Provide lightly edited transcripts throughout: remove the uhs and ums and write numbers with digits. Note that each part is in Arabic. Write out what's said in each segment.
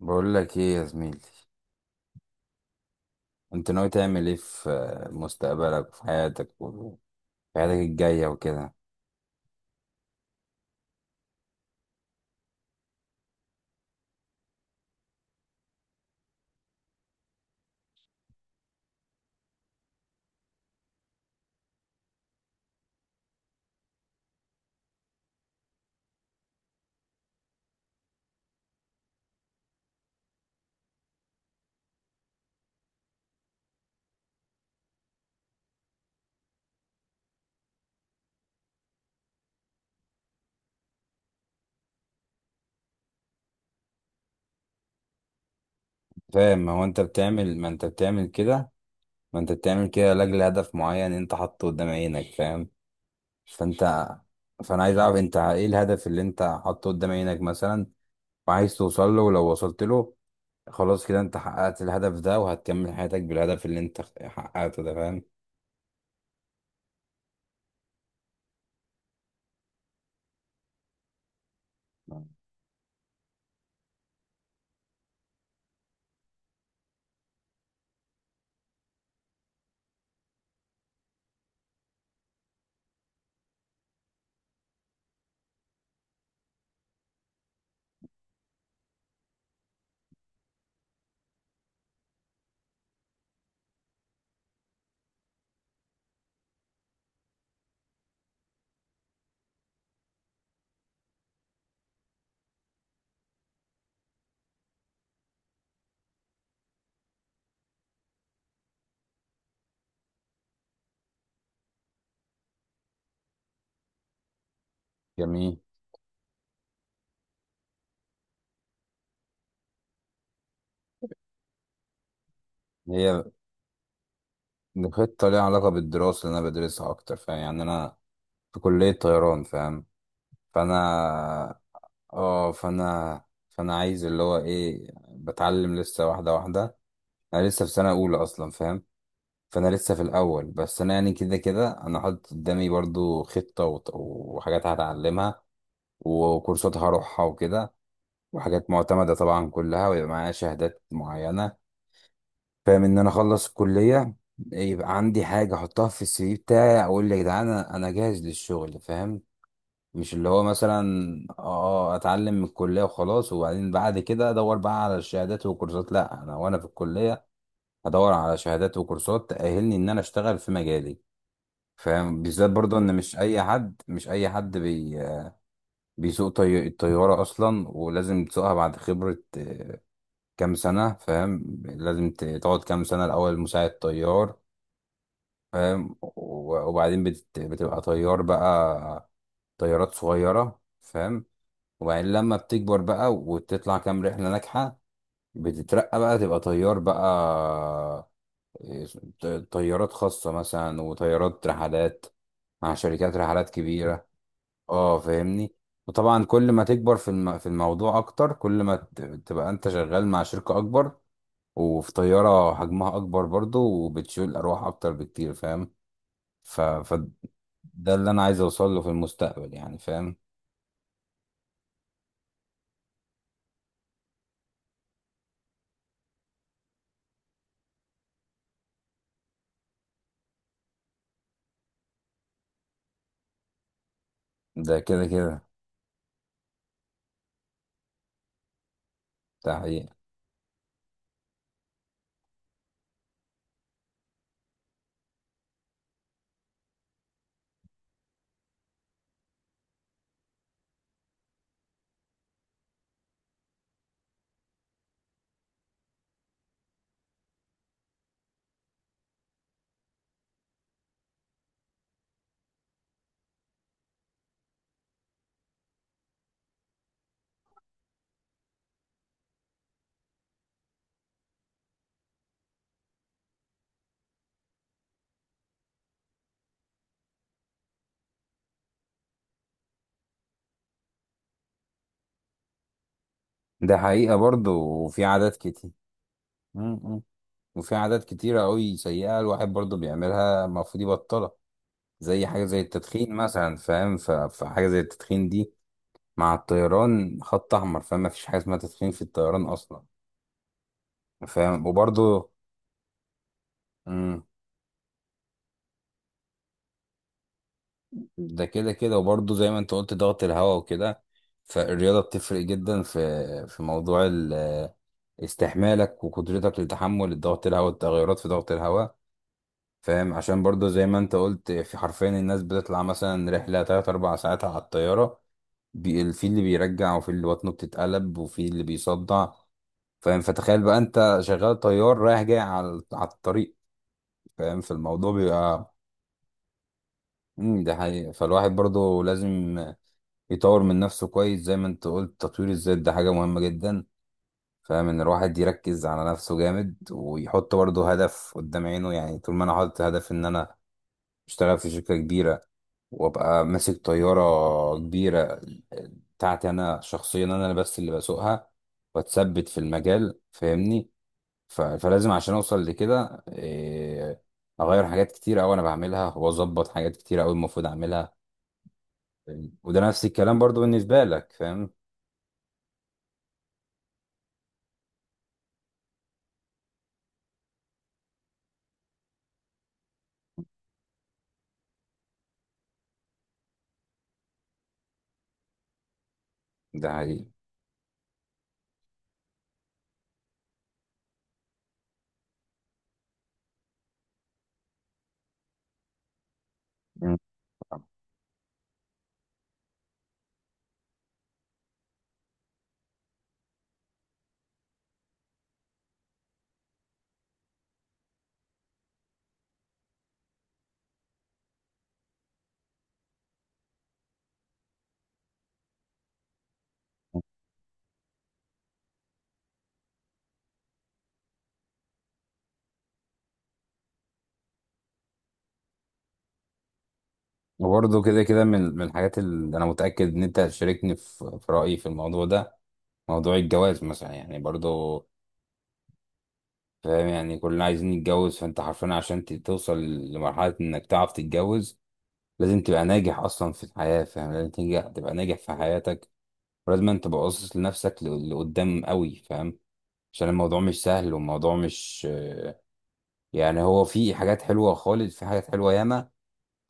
بقول لك ايه يا زميلي؟ انت ناوي تعمل ايه في مستقبلك وفي حياتك وفي حياتك الجاية وكده، فاهم؟ ما انت بتعمل كده لاجل هدف معين انت حاطه قدام عينك، فاهم؟ فانت فانا عايز اعرف انت ايه الهدف اللي انت حاطه قدام عينك مثلا، وعايز توصل له. ولو وصلت له خلاص كده، انت حققت الهدف ده وهتكمل حياتك بالهدف اللي انت حققته ده، فاهم؟ جميل. هي خطة ليها علاقة بالدراسة اللي أنا بدرسها أكتر، فاهم؟ يعني أنا في كلية طيران، فاهم؟ فانا اه فانا فانا عايز اللي هو ايه، بتعلم لسه واحدة واحدة. انا لسه في سنة اولى اصلا، فاهم؟ فانا لسه في الاول، بس انا يعني كده كده انا حاطط قدامي برضو خطة وحاجات هتعلمها، وكورسات هروحها وكده، وحاجات معتمدة طبعا كلها، ويبقى معايا شهادات معينة، فاهم؟ ان انا اخلص الكلية يبقى عندي حاجة احطها في السي في بتاعي، اقول يا جدعان أنا جاهز للشغل، فاهم؟ مش اللي هو مثلا اتعلم من الكليه وخلاص، وبعدين بعد كده ادور بقى على الشهادات والكورسات. لا، انا وانا في الكليه هدور على شهادات وكورسات تاهلني ان انا اشتغل في مجالي، فاهم؟ بالذات برضه ان مش اي حد بيسوق الطياره اصلا، ولازم تسوقها بعد خبره، كام سنه، فاهم؟ لازم تقعد كام سنه الاول مساعد طيار، فاهم؟ وبعدين بتبقى طيار بقى، طيارات صغيره، فاهم؟ وبعدين لما بتكبر بقى وتطلع كام رحلة ناجحة، بتترقى بقى تبقى طيار بقى، إيه، ط- طيارات خاصة مثلا، وطيارات رحلات مع شركات رحلات كبيرة. اه، فاهمني؟ وطبعا كل ما تكبر في الموضوع اكتر، كل ما تبقى انت شغال مع شركة اكبر، وفي طيارة حجمها اكبر برضو، وبتشيل ارواح اكتر بكتير، فاهم؟ فده اللي انا عايز اوصل له في المستقبل، يعني فاهم؟ ده كده كده. ده حقيقي. ده حقيقة برضه. وفي عادات كتير مم. مم. وفي عادات كتيرة أوي سيئة الواحد برضه بيعملها، المفروض يبطلها، زي حاجة زي التدخين مثلا، فاهم؟ فحاجة زي التدخين دي مع الطيران خط أحمر، فاهم؟ مفيش حاجة اسمها تدخين في الطيران أصلا، فاهم؟ وبرضه مم. ده كده كده، وبرضه زي ما أنت قلت ضغط الهواء وكده. فالرياضة بتفرق جدا في موضوع استحمالك وقدرتك لتحمل الضغط الهواء والتغيرات في ضغط الهواء، فاهم؟ عشان برضه زي ما انت قلت، في حرفيا الناس بتطلع مثلا رحلة تلات أربع ساعات على الطيارة، في اللي بيرجع، وفي اللي بطنه بتتقلب، وفي اللي بيصدع، فاهم؟ فتخيل بقى انت شغال طيار رايح جاي على الطريق، فاهم؟ في الموضوع بيبقى ده حقيقة. فالواحد برضه لازم يطور من نفسه كويس، زي ما انت قلت تطوير الذات ده حاجة مهمة جدا، فاهم؟ ان الواحد يركز على نفسه جامد ويحط برضه هدف قدام عينه. يعني طول ما انا حاطط هدف ان انا اشتغل في شركة كبيرة، وابقى ماسك طيارة كبيرة بتاعتي انا شخصيا، انا اللي بس اللي بسوقها، واتثبت في المجال، فاهمني؟ فلازم عشان اوصل لكده اغير حاجات كتير قوي انا بعملها، واظبط حاجات كتير قوي المفروض اعملها، فاهمني؟ وده نفس الكلام برضو بالنسبة لك، فاهم؟ ده حقيقي. مم. وبرضو كده كده، من الحاجات اللي انا متأكد ان انت هتشاركني في رأيي في الموضوع ده، موضوع الجواز مثلا يعني برضو، فاهم؟ يعني كلنا عايزين نتجوز. فانت حرفيا عشان توصل لمرحلة انك تعرف تتجوز، لازم تبقى ناجح اصلا في الحياة، فاهم؟ لازم تنجح تبقى ناجح في حياتك، ولازم انت تبقى باصص لنفسك لقدام قوي، فاهم؟ عشان الموضوع مش سهل، والموضوع مش يعني هو في حاجات حلوة خالص، في حاجات حلوة ياما،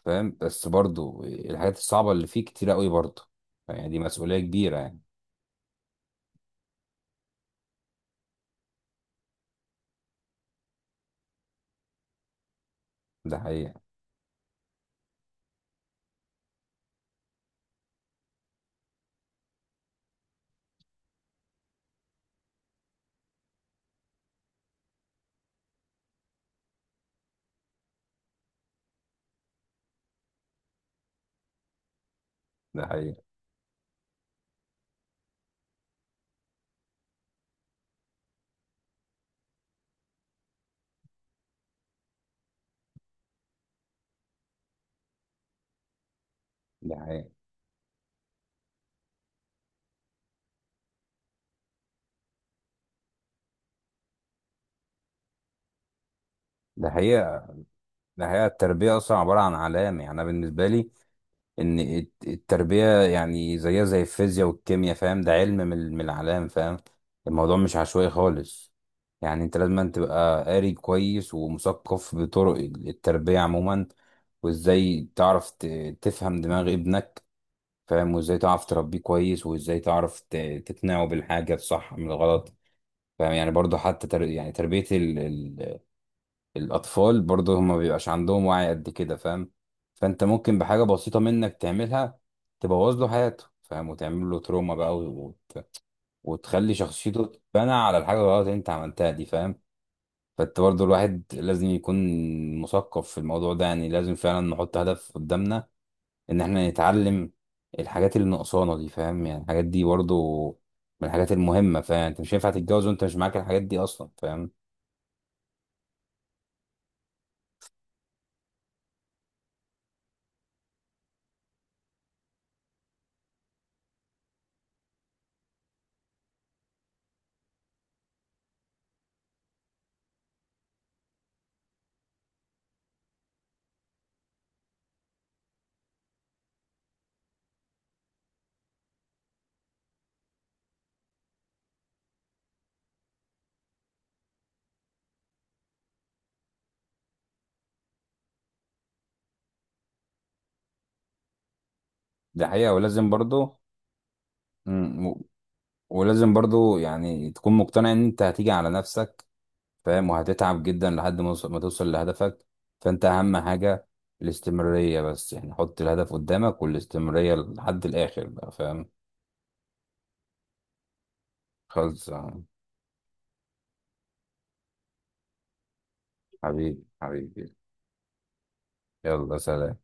فاهم؟ بس برضو الحاجات الصعبة اللي فيه كتير قوي برضو، يعني دي مسؤولية كبيرة يعني. ده حقيقة. ده حقيقة. ده حقيقة. ده حقيقة. ده حقيقة. التربية أصلا عبارة عن علام، يعني أنا بالنسبة لي ان التربية يعني زيها زي الفيزياء والكيمياء، فاهم؟ ده علم من الأعلام، فاهم؟ الموضوع مش عشوائي خالص. يعني انت لازم أن تبقى قاري كويس ومثقف بطرق التربية عموما، وازاي تعرف تفهم دماغ ابنك، فاهم؟ وازاي تعرف تربيه كويس، وازاي تعرف تقنعه بالحاجة الصح من الغلط، فاهم؟ يعني برضه حتى يعني تربية الأطفال برضه، هما مبيبقاش عندهم وعي قد كده، فاهم؟ فأنت ممكن بحاجة بسيطة منك تعملها تبوظ له حياته، فاهم؟ وتعمل له تروما بقى وتخلي شخصيته تتبنى على الحاجة الغلط اللي أنت عملتها دي، فاهم؟ فأنت برضه الواحد لازم يكون مثقف في الموضوع ده، يعني لازم فعلا نحط هدف قدامنا إن إحنا نتعلم الحاجات اللي ناقصانا دي، فاهم؟ يعني الحاجات دي برضه من الحاجات المهمة، فاهم؟ يعني أنت مش هينفع تتجوز وأنت مش معاك الحاجات دي أصلا، فاهم؟ دي حقيقة. ولازم برضو يعني تكون مقتنع ان انت هتيجي على نفسك، فاهم؟ وهتتعب جدا لحد ما ما توصل لهدفك. فانت اهم حاجة الاستمرارية، بس يعني حط الهدف قدامك والاستمرارية لحد الاخر بقى، فاهم؟ خلص. حبيبي حبيبي. يلا سلام.